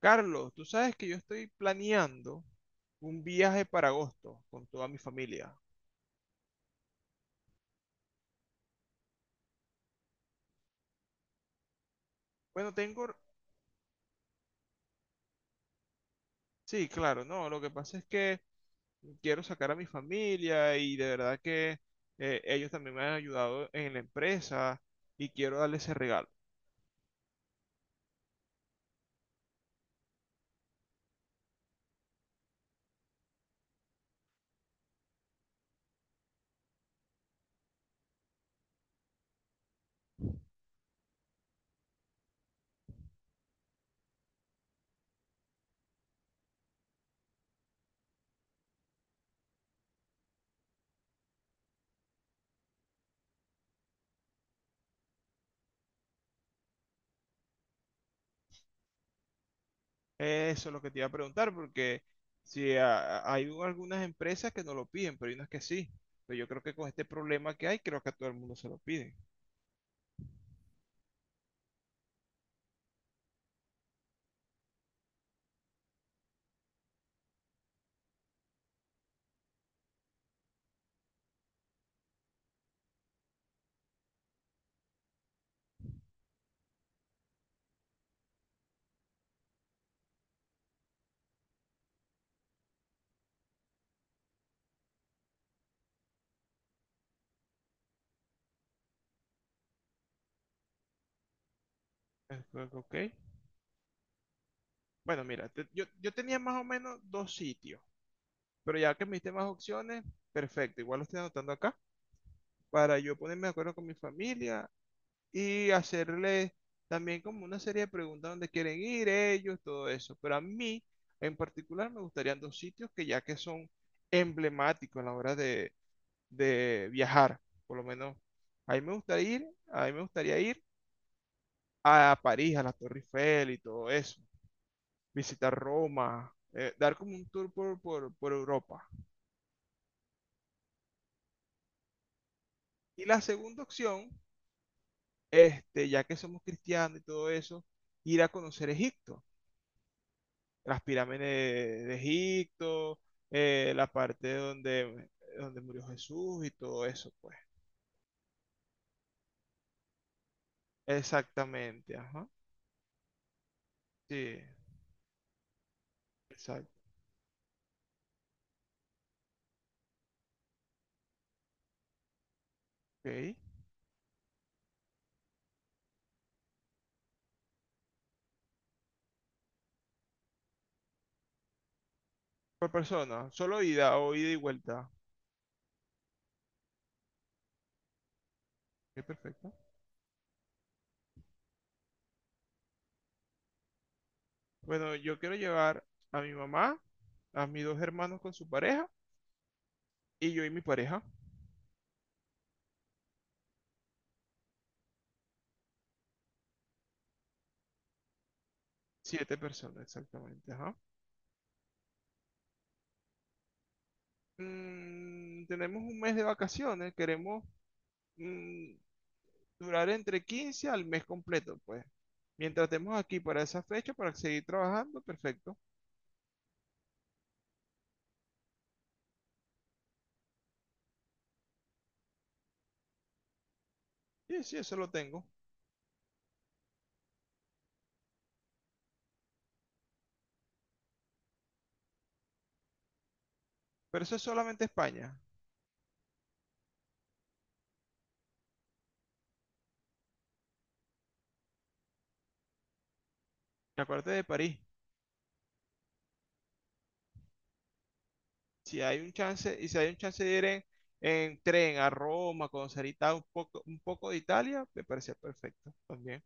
Carlos, tú sabes que yo estoy planeando un viaje para agosto con toda mi familia. Bueno, tengo. Sí, claro, no, lo que pasa es que quiero sacar a mi familia y de verdad que ellos también me han ayudado en la empresa y quiero darles ese regalo. Eso es lo que te iba a preguntar porque si hay algunas empresas que no lo piden, pero hay unas que sí. Pero yo creo que con este problema que hay, creo que a todo el mundo se lo piden. Creo. Ok. Bueno, mira, yo tenía más o menos dos sitios. Pero ya que me diste más opciones, perfecto. Igual lo estoy anotando acá para yo ponerme de acuerdo con mi familia y hacerle también como una serie de preguntas donde quieren ir ellos, todo eso. Pero a mí en particular me gustarían dos sitios que ya que son emblemáticos a la hora de viajar, por lo menos. Ahí me gustaría ir, ahí me gustaría ir a París, a la Torre Eiffel y todo eso. Visitar Roma, dar como un tour por Europa. Y la segunda opción, ya que somos cristianos y todo eso, ir a conocer Egipto, las pirámides de Egipto, la parte donde murió Jesús y todo eso, pues. Exactamente, ajá. Sí, exacto. Ok. Por persona, ¿solo ida o ida y vuelta? Qué perfecto. Bueno, yo quiero llevar a mi mamá, a mis dos hermanos con su pareja y yo y mi pareja. Siete personas, exactamente, ajá. Tenemos un mes de vacaciones, queremos mm, durar entre 15 al mes completo, pues. Mientras estemos aquí para esa fecha, para seguir trabajando, perfecto. Sí, sí, eso lo tengo. Pero eso es solamente España. Acuérdate de París. Si hay un chance, y si hay un chance de ir en tren a Roma, conocer un poco de Italia, me parecía perfecto también.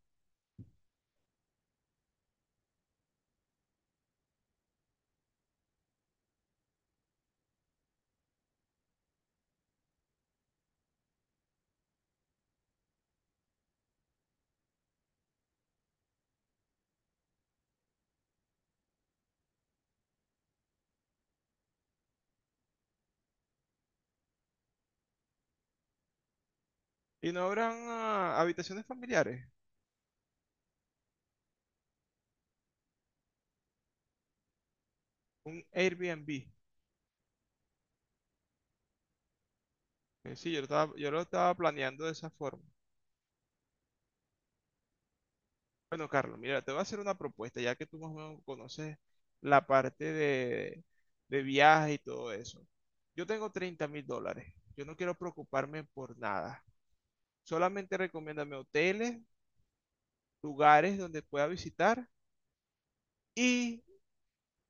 Y no habrán habitaciones familiares, un Airbnb. Sí, yo lo estaba planeando de esa forma. Bueno, Carlos, mira, te voy a hacer una propuesta, ya que tú más o menos conoces la parte de viaje y todo eso. Yo tengo 30.000 dólares. Yo no quiero preocuparme por nada. Solamente recomiéndame hoteles, lugares donde pueda visitar y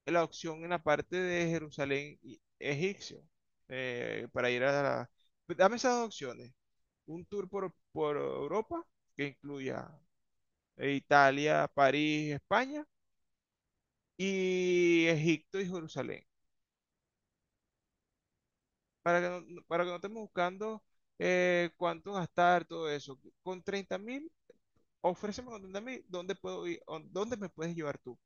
la opción en la parte de Jerusalén egipcio, para ir a la. Dame esas dos opciones. Un tour por Europa que incluya Italia, París, España y Egipto y Jerusalén, para que para que no estemos buscando cuánto gastar, todo eso. Con 30.000, ofréceme con 30.000, ¿dónde puedo ir? ¿O dónde me puedes llevar tú?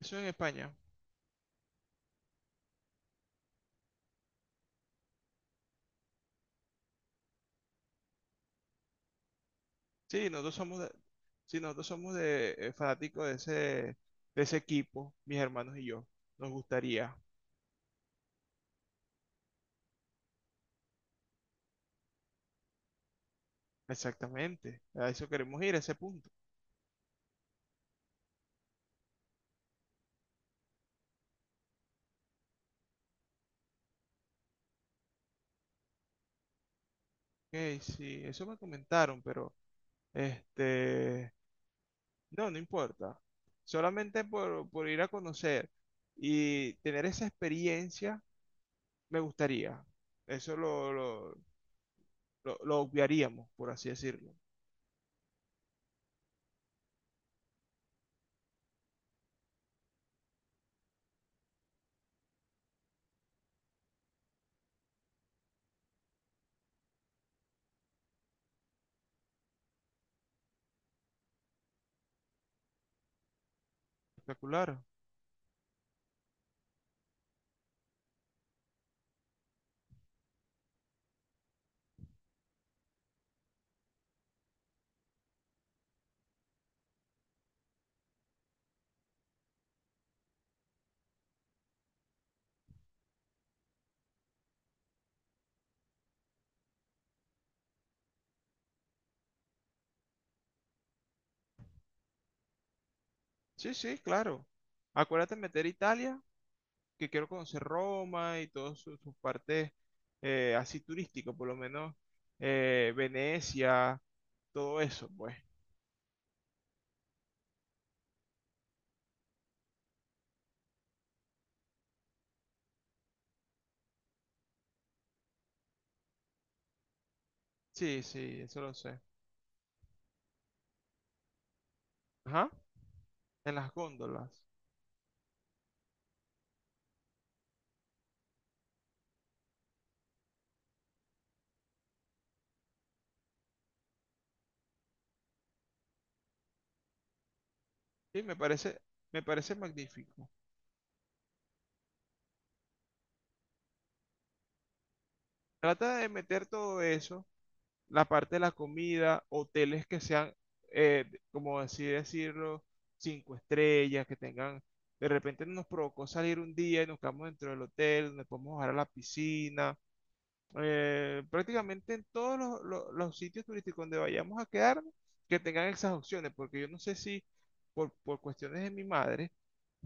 Eso en España. Sí, nosotros somos de, sí, nosotros somos de, fanáticos de ese, equipo, mis hermanos y yo. Nos gustaría, exactamente, a eso queremos ir, a ese punto. Ok, sí, eso me comentaron, pero este, no, no importa. Solamente por ir a conocer y tener esa experiencia, me gustaría. Eso lo obviaríamos, por así decirlo. Espectacular. Sí, sí, claro. Acuérdate de meter Italia, que quiero conocer Roma y todas sus partes así turísticas, por lo menos, Venecia, todo eso, pues. Sí, sí, eso lo sé. Ajá, en las góndolas. Sí, me parece magnífico. Trata de meter todo eso, la parte de la comida, hoteles que sean, eh, como así decirlo, cinco estrellas, que tengan, de repente nos provocó salir un día y nos quedamos dentro del hotel, donde podemos bajar a la piscina, prácticamente en todos los sitios turísticos donde vayamos a quedarnos, que tengan esas opciones, porque yo no sé si por cuestiones de mi madre,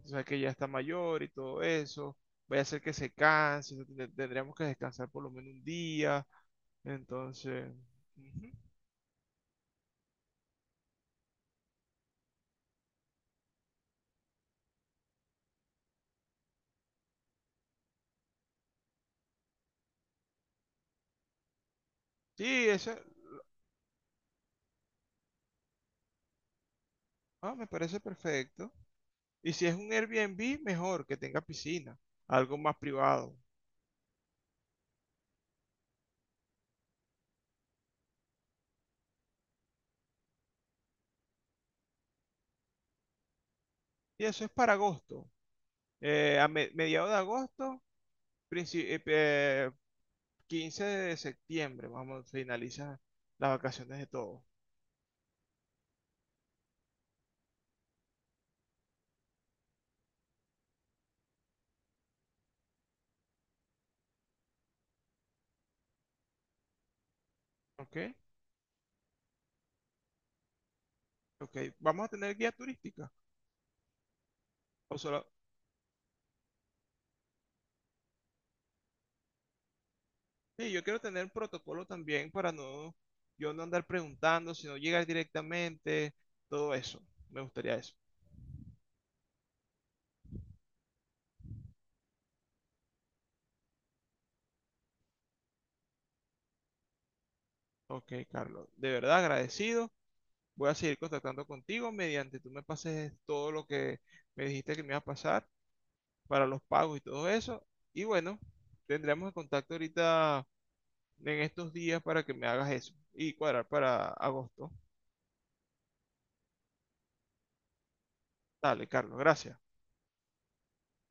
o sea, que ya está mayor y todo eso, vaya a ser que se canse, o sea, tendríamos que descansar por lo menos un día, entonces, ujú. Sí, eso me parece perfecto. Y si es un Airbnb, mejor que tenga piscina, algo más privado. Y eso es para agosto, a mediados de agosto, princi- eh, eh, 15 de septiembre, vamos, finaliza las vacaciones de todos, ¿ok? Ok, ¿vamos a tener guía turística? ¿O solo, sí, yo quiero tener un protocolo también para no, yo no andar preguntando, sino llegar directamente, todo eso. Me gustaría eso. Ok, Carlos, de verdad agradecido. Voy a seguir contactando contigo mediante tú me pases todo lo que me dijiste que me iba a pasar para los pagos y todo eso. Y bueno, tendremos el contacto ahorita en estos días para que me hagas eso y cuadrar para agosto. Dale, Carlos, gracias.